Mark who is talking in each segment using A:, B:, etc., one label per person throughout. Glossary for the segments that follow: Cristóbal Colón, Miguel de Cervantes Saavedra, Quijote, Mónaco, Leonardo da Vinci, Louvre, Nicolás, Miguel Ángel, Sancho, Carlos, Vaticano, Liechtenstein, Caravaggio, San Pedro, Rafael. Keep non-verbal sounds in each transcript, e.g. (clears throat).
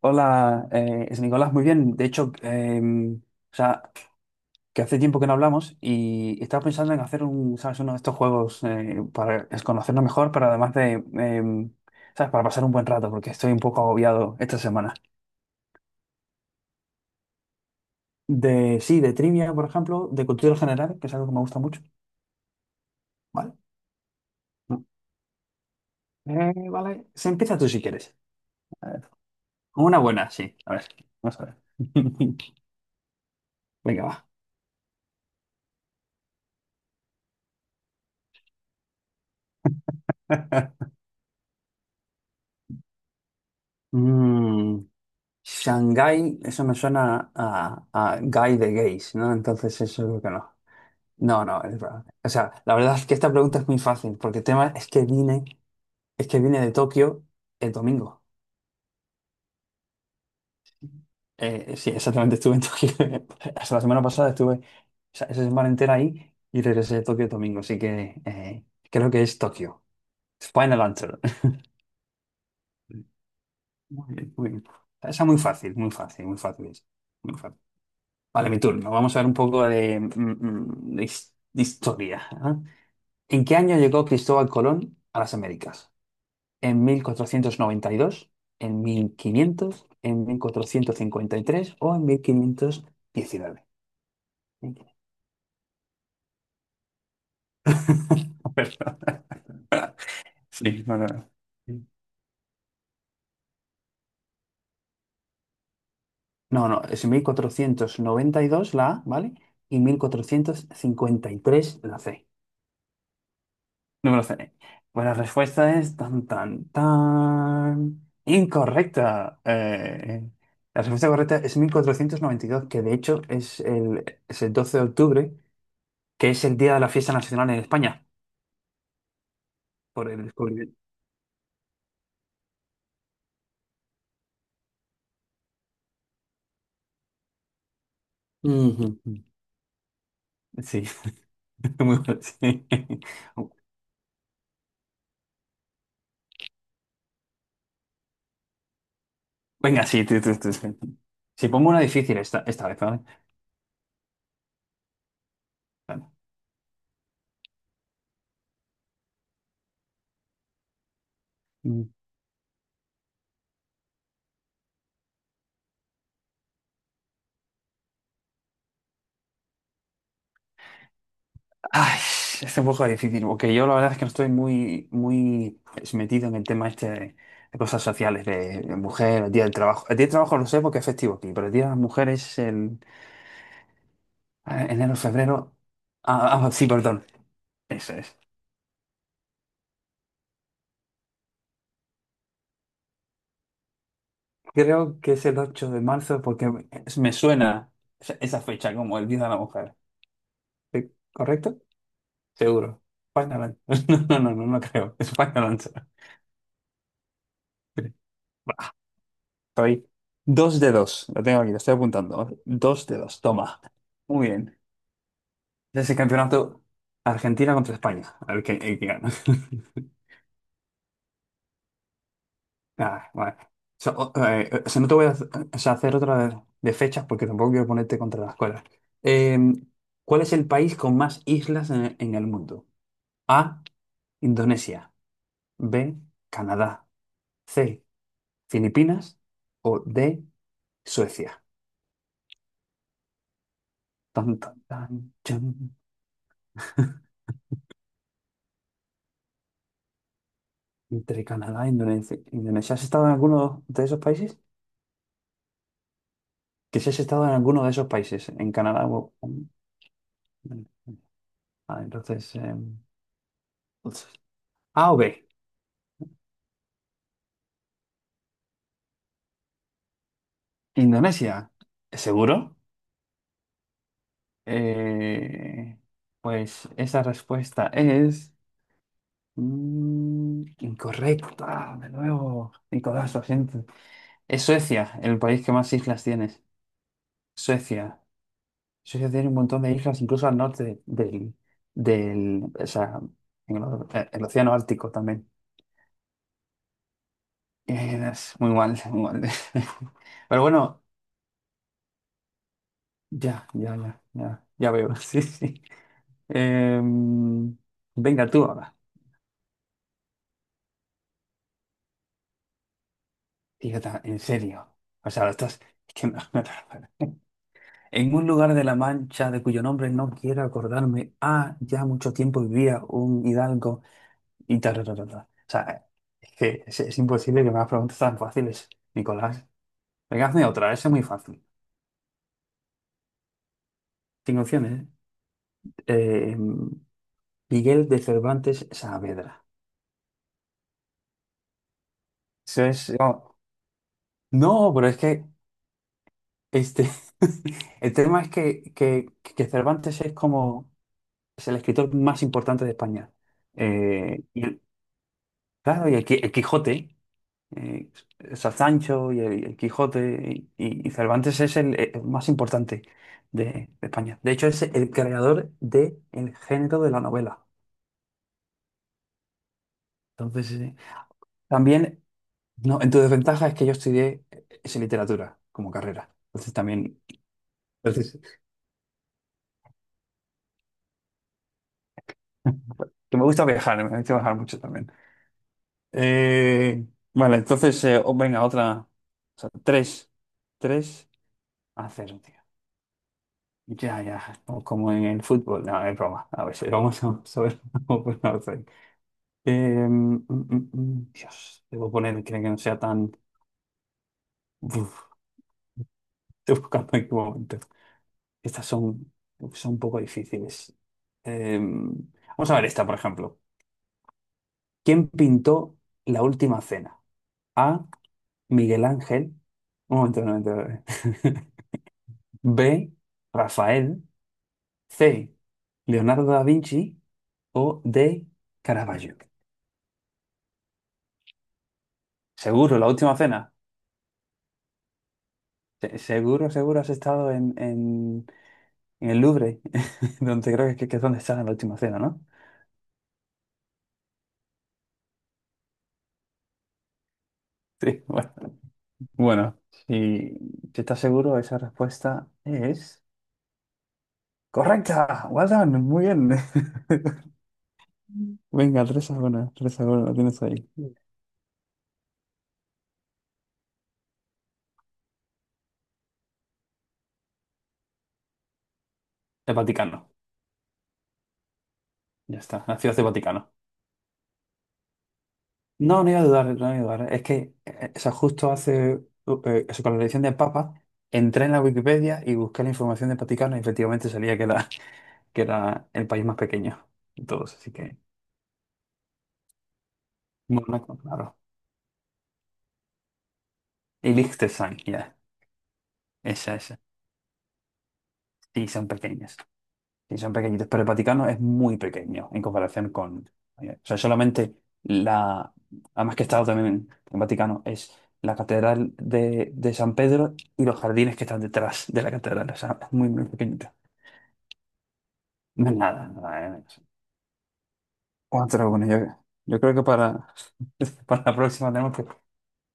A: Hola, es Nicolás, muy bien. De hecho, o sea, que hace tiempo que no hablamos y estaba pensando en hacer ¿sabes? Uno de estos juegos, para conocernos mejor, pero además de, ¿sabes? Para pasar un buen rato, porque estoy un poco agobiado esta semana. Sí, de trivia, por ejemplo, de cultura general, que es algo que me gusta mucho. Vale. Vale. Se empieza tú si quieres. A ver. Una buena, sí. A ver, vamos a ver. (laughs) Venga, va. (laughs) Mm, Shanghái, eso me suena a guy de gays, ¿no? Entonces eso es lo que no. No, no, es verdad. O sea, la verdad es que esta pregunta es muy fácil, porque el tema es que vine de Tokio el domingo. Sí, exactamente, estuve en Tokio. (laughs) Hasta la semana pasada estuve esa semana entera ahí y regresé de Tokio el domingo, así que creo que es Tokio. Final answer. (laughs) Muy bien, muy bien. Esa muy fácil, muy fácil, muy fácil. Muy fácil. Vale, mi turno. Vamos a ver un poco de, mm, mm, de his- de historia. ¿Ah? ¿En qué año llegó Cristóbal Colón a las Américas? ¿En 1492, en 1500, en 1453 o en 1519? (laughs) Perdón. Sí, no, no. No, no, es 1492 la A, ¿vale? Y 1453 la C. Número me lo. Pues la respuesta es tan, tan, tan. Incorrecta. La respuesta correcta es 1492, que de hecho es el 12 de octubre, que es el día de la fiesta nacional en España, por el descubrimiento. Ujú. Sí, (laughs) muy bueno, sí. Venga, sí, tú, tú, tú, tú. Si pongo una difícil esta vez, ¿vale? Vale. Ay, es un poco difícil, porque yo la verdad es que no estoy muy, muy pues, metido en el tema este de cosas sociales, de mujer, el día del trabajo. El día del trabajo lo sé porque es festivo aquí, pero el día de las mujeres es en enero, febrero. Ah, ah, sí, perdón, eso es. Creo que es el 8 de marzo porque me suena esa fecha como el día de la mujer. ¿Sí? ¿Correcto? Seguro. España Lanza. (laughs) No, no, no, no, no creo. España Lanza. Soy dos de dos. Lo tengo aquí, lo estoy apuntando. Dos de dos, toma. Muy bien. Ese es el campeonato Argentina contra España. A ver qué gana. (laughs) Ah, vale. O sea, no te voy a hacer, hacer otra de fechas porque tampoco quiero ponerte contra las cuerdas. Eh, ¿Cuál es el país con más islas en el mundo? A, Indonesia. B, Canadá. C, Filipinas. O D, Suecia. Tan, tan, tan, chan. Entre Canadá e Indonesia. Indonesia. ¿Has estado en alguno de esos países? Que si has estado en alguno de esos países, en Canadá o... Ah, entonces... A o B. Indonesia. ¿Seguro? Eh, pues esa respuesta es... incorrecta, de nuevo. Nicolás, lo siento. Es Suecia, el país que más islas tienes. Suecia. Suecia tiene un montón de islas, incluso al norte o sea, en el océano Ártico también. Es muy mal, muy mal. (laughs) Pero bueno, ya, ya, ya, ya, ya veo, (laughs) sí, sí. Em, Venga, tú ahora. Fíjate, en serio. O sea, estás... Es que En un lugar de La Mancha, de cuyo nombre no quiero acordarme, ah, ya mucho tiempo vivía un hidalgo. Y ta, ta, ta, ta, ta. O sea, es que es imposible que me hagas preguntas tan fáciles, Nicolás. Venga, hazme otra, esa es muy fácil. Cinco opciones, ¿eh? Eh, Miguel de Cervantes Saavedra. Eso es. No, no, pero es que este, (laughs) el tema es que Cervantes es como es el escritor más importante de España. Y, claro, y el Quijote. eh, Está Sancho y el Quijote, y Cervantes es el más importante de, de España. De hecho, es el creador del género de la novela. Entonces, también, no, en tu desventaja es que yo estudié es literatura como carrera. Entonces, también, entonces, (laughs) que me gusta viajar mucho también. Eh, vale, entonces, venga, otra, o sea, tres, hacer. Ya, ya, o como en el fútbol, no, es broma, a veces vamos a saber (laughs) cómo pronunciar. Dios, debo poner, creo que no sea tan... Uf, estoy buscando en qué momento. Estas son un poco difíciles. Em, Vamos a ver esta, por ejemplo. ¿Quién pintó la última cena? A. Miguel Ángel. Un momento, un momento. Un momento. (laughs) B. Rafael. C. Leonardo da Vinci. O D. Caravaggio. ¿Seguro? ¿La última cena? Seguro, seguro has estado en el Louvre, (laughs) donde creo que es donde está la última cena, ¿no? (laughs) Sí, bueno. Bueno, si, si estás seguro, esa respuesta es correcta. Well done, muy bien. (laughs) Venga, tres a 1, 3-1, lo tienes ahí. El Vaticano, ya está, la ciudad del Vaticano. No, no iba a dudar, no iba a dudar. Es que, o sea, justo hace, eso, con la elección del Papa, entré en la Wikipedia y busqué la información del Vaticano y efectivamente salía que era el país más pequeño de todos, así que Mónaco, claro. Y Liechtenstein, ya, esa, esa. Sí, son pequeñas. Sí, son pequeñitas, pero el Vaticano es muy pequeño en comparación con... O sea, solamente la... Además, que he estado también en el Vaticano, es la Catedral de San Pedro y los jardines que están detrás de la catedral. O sea, es muy, muy pequeñita. No es nada, nada, eh. Cuatro, bueno, yo creo que para, (laughs) para la próxima tenemos que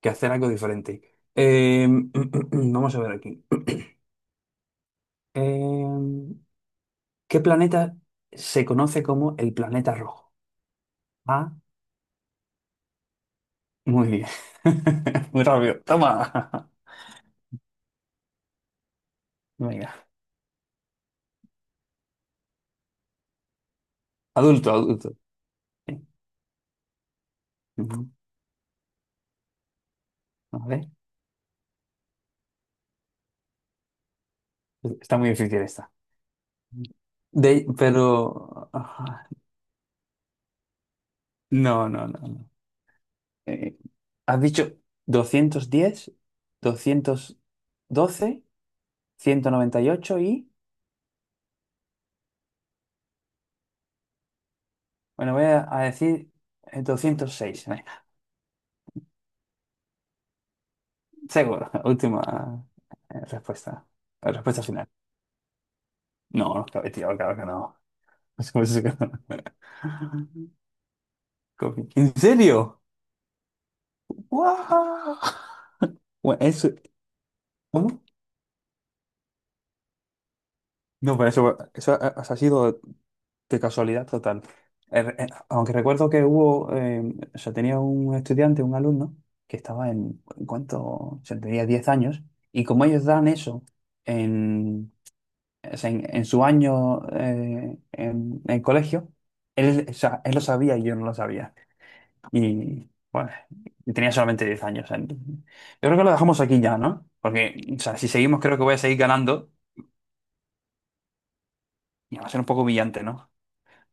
A: que hacer algo diferente. (clears throat) Vamos a ver aquí. Eh, ¿Qué planeta se conoce como el planeta rojo? Ah, muy bien. (laughs) Muy rápido. Toma. (laughs) Venga. Adulto, adulto. Sí. Ujú. A ver. Está muy difícil esta. Pero... ah, no, no, no. No. Eh, Has dicho 210, 212, ciento noventa y... ocho y. Bueno, voy a decir 206, ¿eh? Seguro. (laughs) Última respuesta. Respuesta final. No, no, claro, tío, claro que no. (laughs) Es como si- (laughs) Copy. ¿En serio? ¡Guau! Bueno, eso. ¿Cómo? No, pero eso ha sido de casualidad total. Aunque recuerdo que hubo, o sea, tenía un estudiante, un alumno, que estaba en ¿cuánto? O sea, tenía 10 años, y como ellos dan eso en o sea, en su año, en el colegio, él, o sea, él lo sabía y yo no lo sabía. Y bueno, yo tenía solamente 10 años. O sea, yo creo que lo dejamos aquí ya, ¿no? Porque, o sea, si seguimos, creo que voy a seguir ganando y va a ser un poco brillante, ¿no?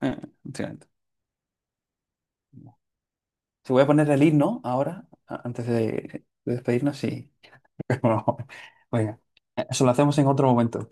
A: Eh, Sinceramente. Si voy a poner el himno ahora, antes de despedirnos, sí. (laughs) Bueno, venga, eso lo hacemos en otro momento.